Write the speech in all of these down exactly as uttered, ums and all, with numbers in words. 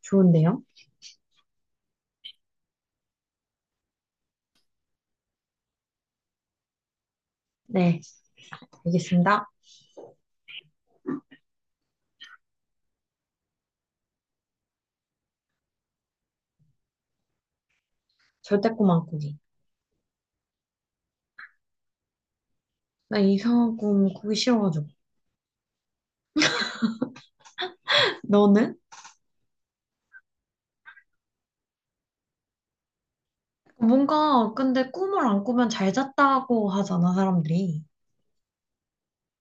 좋은데요? 네, 알겠습니다. 절대 꿈 안 꾸기. 나 이상한 꿈 꾸기 싫어가지고. 너는? 뭔가 근데 꿈을 안 꾸면 잘 잤다고 하잖아, 사람들이.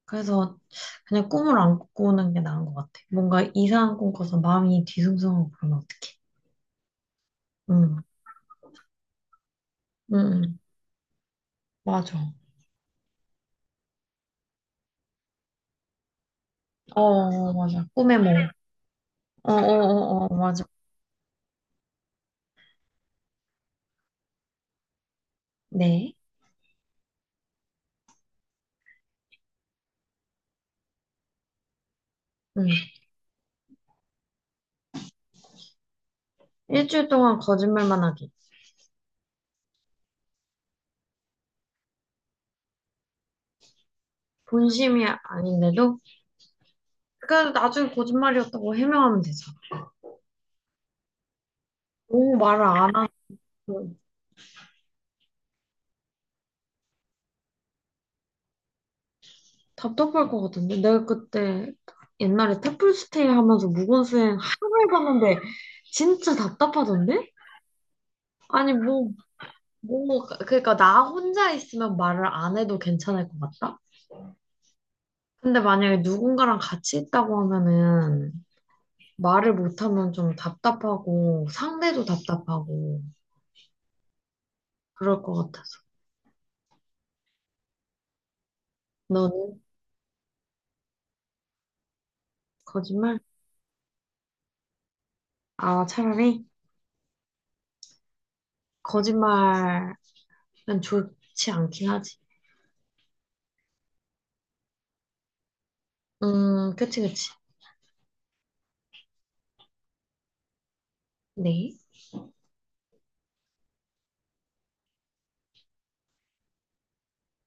그래서 그냥 꿈을 안 꾸는 게 나은 것 같아. 뭔가 이상한 꿈 꿔서 마음이 뒤숭숭하고 그러면 어떡해. 응, 응, 응. 맞아. 어, 어, 맞아. 꿈의 뭐. 어, 어, 어, 어, 맞아. 네. 응. 일주일 동안 거짓말만 하기. 본심이 아닌데도, 그래도 나중에 거짓말이었다고 해명하면 되죠. 너무 말을 안 하면 답답할 것 같은데. 내가 그때 옛날에 템플스테이 하면서 무건 수행 하루 해봤는데 진짜 답답하던데? 아니, 뭐, 뭐, 그러니까 나 혼자 있으면 말을 안 해도 괜찮을 것 같다? 근데 만약에 누군가랑 같이 있다고 하면은 말을 못하면 좀 답답하고 상대도 답답하고 그럴 것 같아서. 너는 거짓말? 아, 차라리 거짓말은 좋지 않긴 하지. 음, 그치, 그치. 네,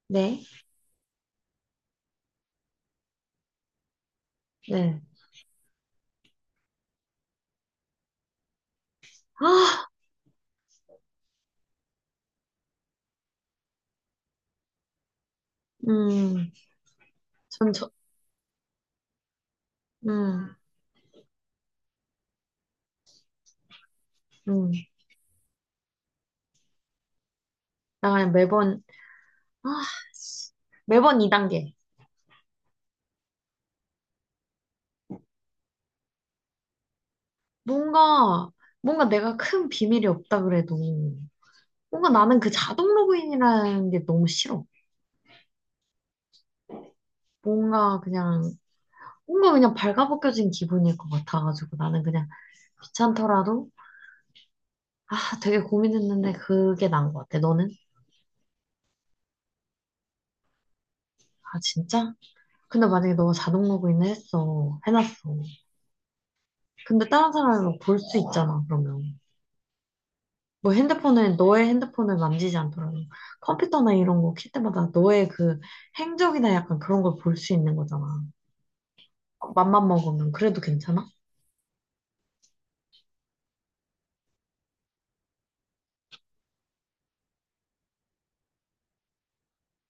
네, 네. 아, 음, 전 저, 음, 음. 나 그냥 매번, 아, 씨. 매번 이 단계. 뭔가, 뭔가 내가 큰 비밀이 없다 그래도, 뭔가 나는 그 자동 로그인이라는 게 너무 싫어. 뭔가 그냥, 뭔가 그냥 발가벗겨진 기분일 것 같아가지고, 나는 그냥 귀찮더라도, 아, 되게 고민했는데 그게 나은 것 같아. 너는? 아, 진짜? 근데 만약에 너가 자동 로그인을 했어. 해놨어. 근데 다른 사람은 볼 수 있잖아, 그러면. 뭐 핸드폰을, 너의 핸드폰을 만지지 않더라도 컴퓨터나 이런 거 킬 때마다 너의 그 행적이나 약간 그런 걸 볼 수 있는 거잖아. 맘만 먹으면 그래도 괜찮아?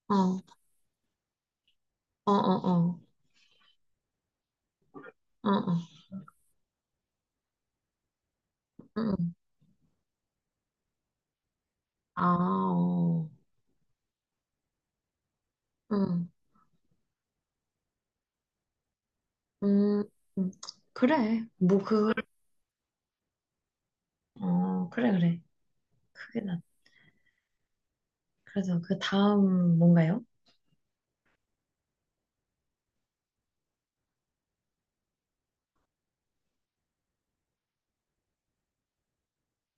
어, 어, 어, 어, 어, 어, 응, 응. 아, 어, 응, 음, 음. 그래. 뭐 그, 어, 그래, 그래. 그게 나. 그래서 그 다음 뭔가요?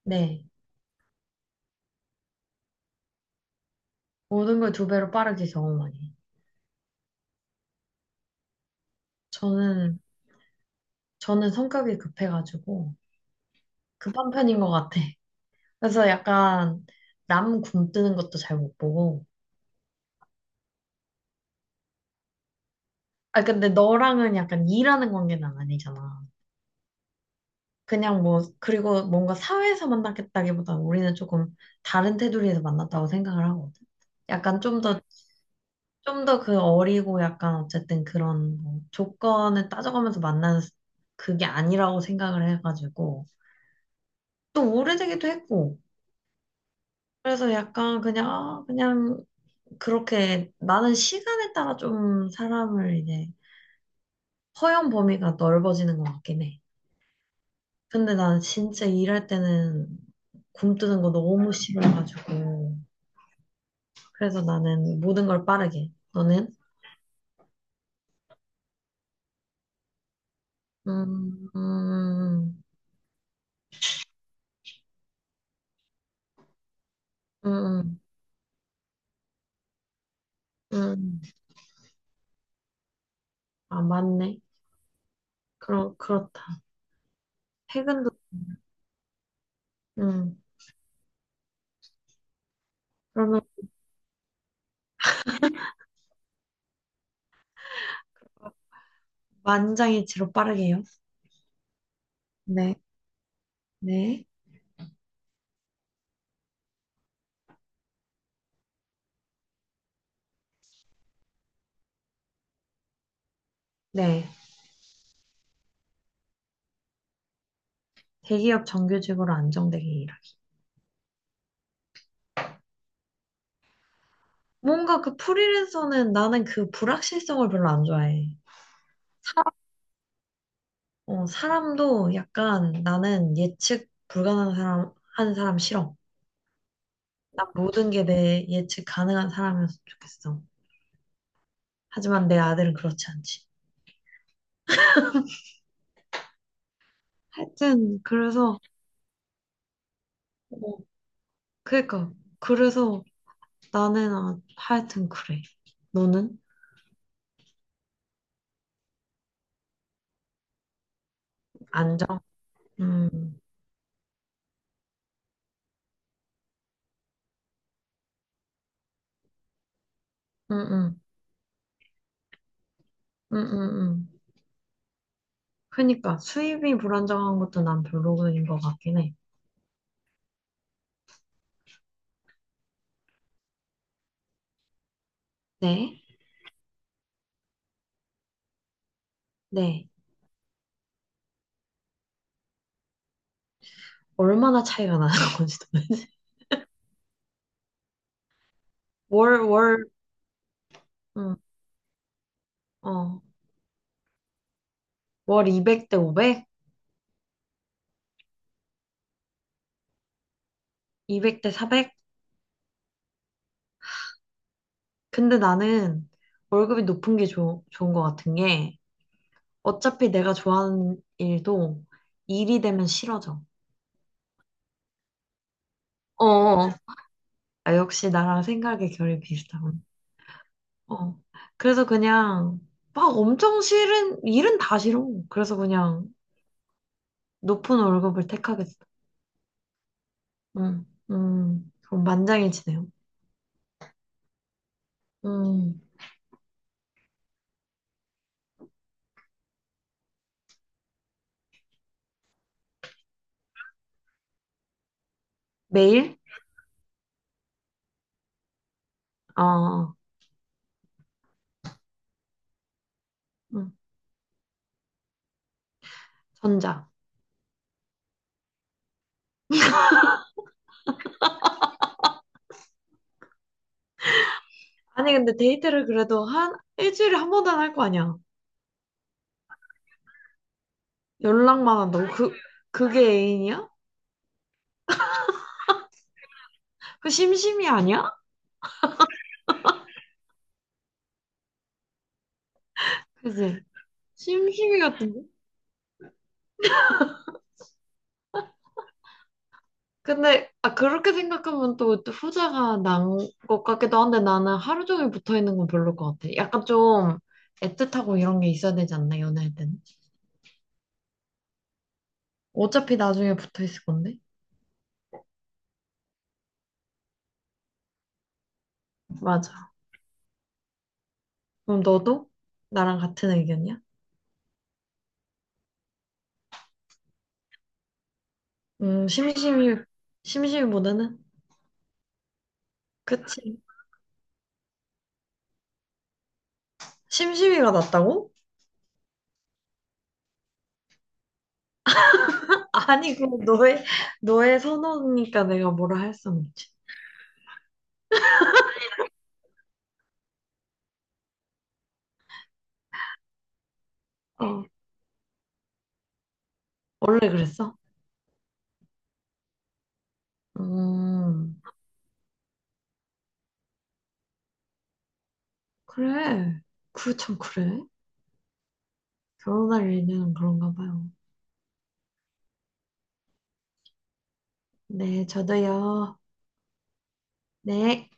네. 모든 걸 두 배로 빠르게 경험하기. 저는, 저는 성격이 급해가지고, 급한 편인 것 같아. 그래서 약간 남 굶뜨는 것도 잘 못 보고. 아, 근데 너랑은 약간 일하는 관계는 아니잖아. 그냥 뭐, 그리고 뭔가 사회에서 만났겠다기보다 우리는 조금 다른 테두리에서 만났다고 생각을 하거든. 약간 좀 더, 좀 더 그 어리고 약간 어쨌든 그런 뭐 조건을 따져가면서 만나는 스- 그게 아니라고 생각을 해가지고. 또 오래되기도 했고. 그래서 약간 그냥, 아, 그냥 그렇게 나는 시간에 따라 좀 사람을 이제 허용 범위가 넓어지는 것 같긴 해. 근데 난 진짜 일할 때는 굶뜨는 거 너무 싫어가지고. 그래서 나는 모든 걸 빠르게. 너는? 음, 음, 음, 음. 아, 맞네. 그러, 그렇다. 퇴근도, 음. 그러면 만장일치로 빠르게요. 네, 네, 네. 대기업 정규직으로 안정되게 일하. 뭔가 그 프리랜서는 나는 그 불확실성을 별로 안 좋아해. 어, 사람도 약간 나는 예측 불가능한 사람, 하는 사람 싫어. 난 모든 게 내 예측 가능한 사람이었으면 좋겠어. 하지만 내 아들은 그렇지 않지. 하여튼, 그래서, 어, 그러니까, 그래서 나는 아, 하여튼 그래. 너는? 안정? 음, 음, 음, 음, 음, 음. 그러니까 수입이 불안정한 것도 난 별로인 것 같긴 해. 네, 네. 얼마나 차이가 나는 건지 도. 월, 월, 응, 어, 월 이백 대 오백? 이백 대 사백? 근데 나는 월급이 높은 게 좋, 좋은 것 같은 게 어차피 내가 좋아하는 일도 일이 되면 싫어져. 어, 어. 아, 역시 나랑 생각의 결이 비슷하군. 어. 그래서 그냥 막 엄청 싫은, 일은 다 싫어. 그래서 그냥 높은 월급을 택하겠어. 음, 음, 그럼 만장일치네요. 음, 매일? 어, 응. 전자. 아니, 근데 데이트를 그래도 한 일주일에 한 번은 할 거 아니야. 연락만 한다고. 그, 그게 애인이야? 그 심심이 아니야? 그지? 심심이 같은데? 근데, 아, 그렇게 생각하면 또, 또 후자가 난 것 같기도 한데 나는 하루 종일 붙어 있는 건 별로일 것 같아. 약간 좀 애틋하고 이런 게 있어야 되지 않나, 연애할 때는? 어차피 나중에 붙어 있을 건데? 맞아. 그럼 너도 나랑 같은 의견이야? 음, 심심이, 심심이보다는? 그치. 심심이가 낫다고? 아니, 그 너의, 너의 선호니까 내가 뭐라 할 수는 없지. 어, 원래 그랬어? 음, 그래. 그, 참, 그래. 결혼할 일은 그런가 봐요. 네, 저도요. 네.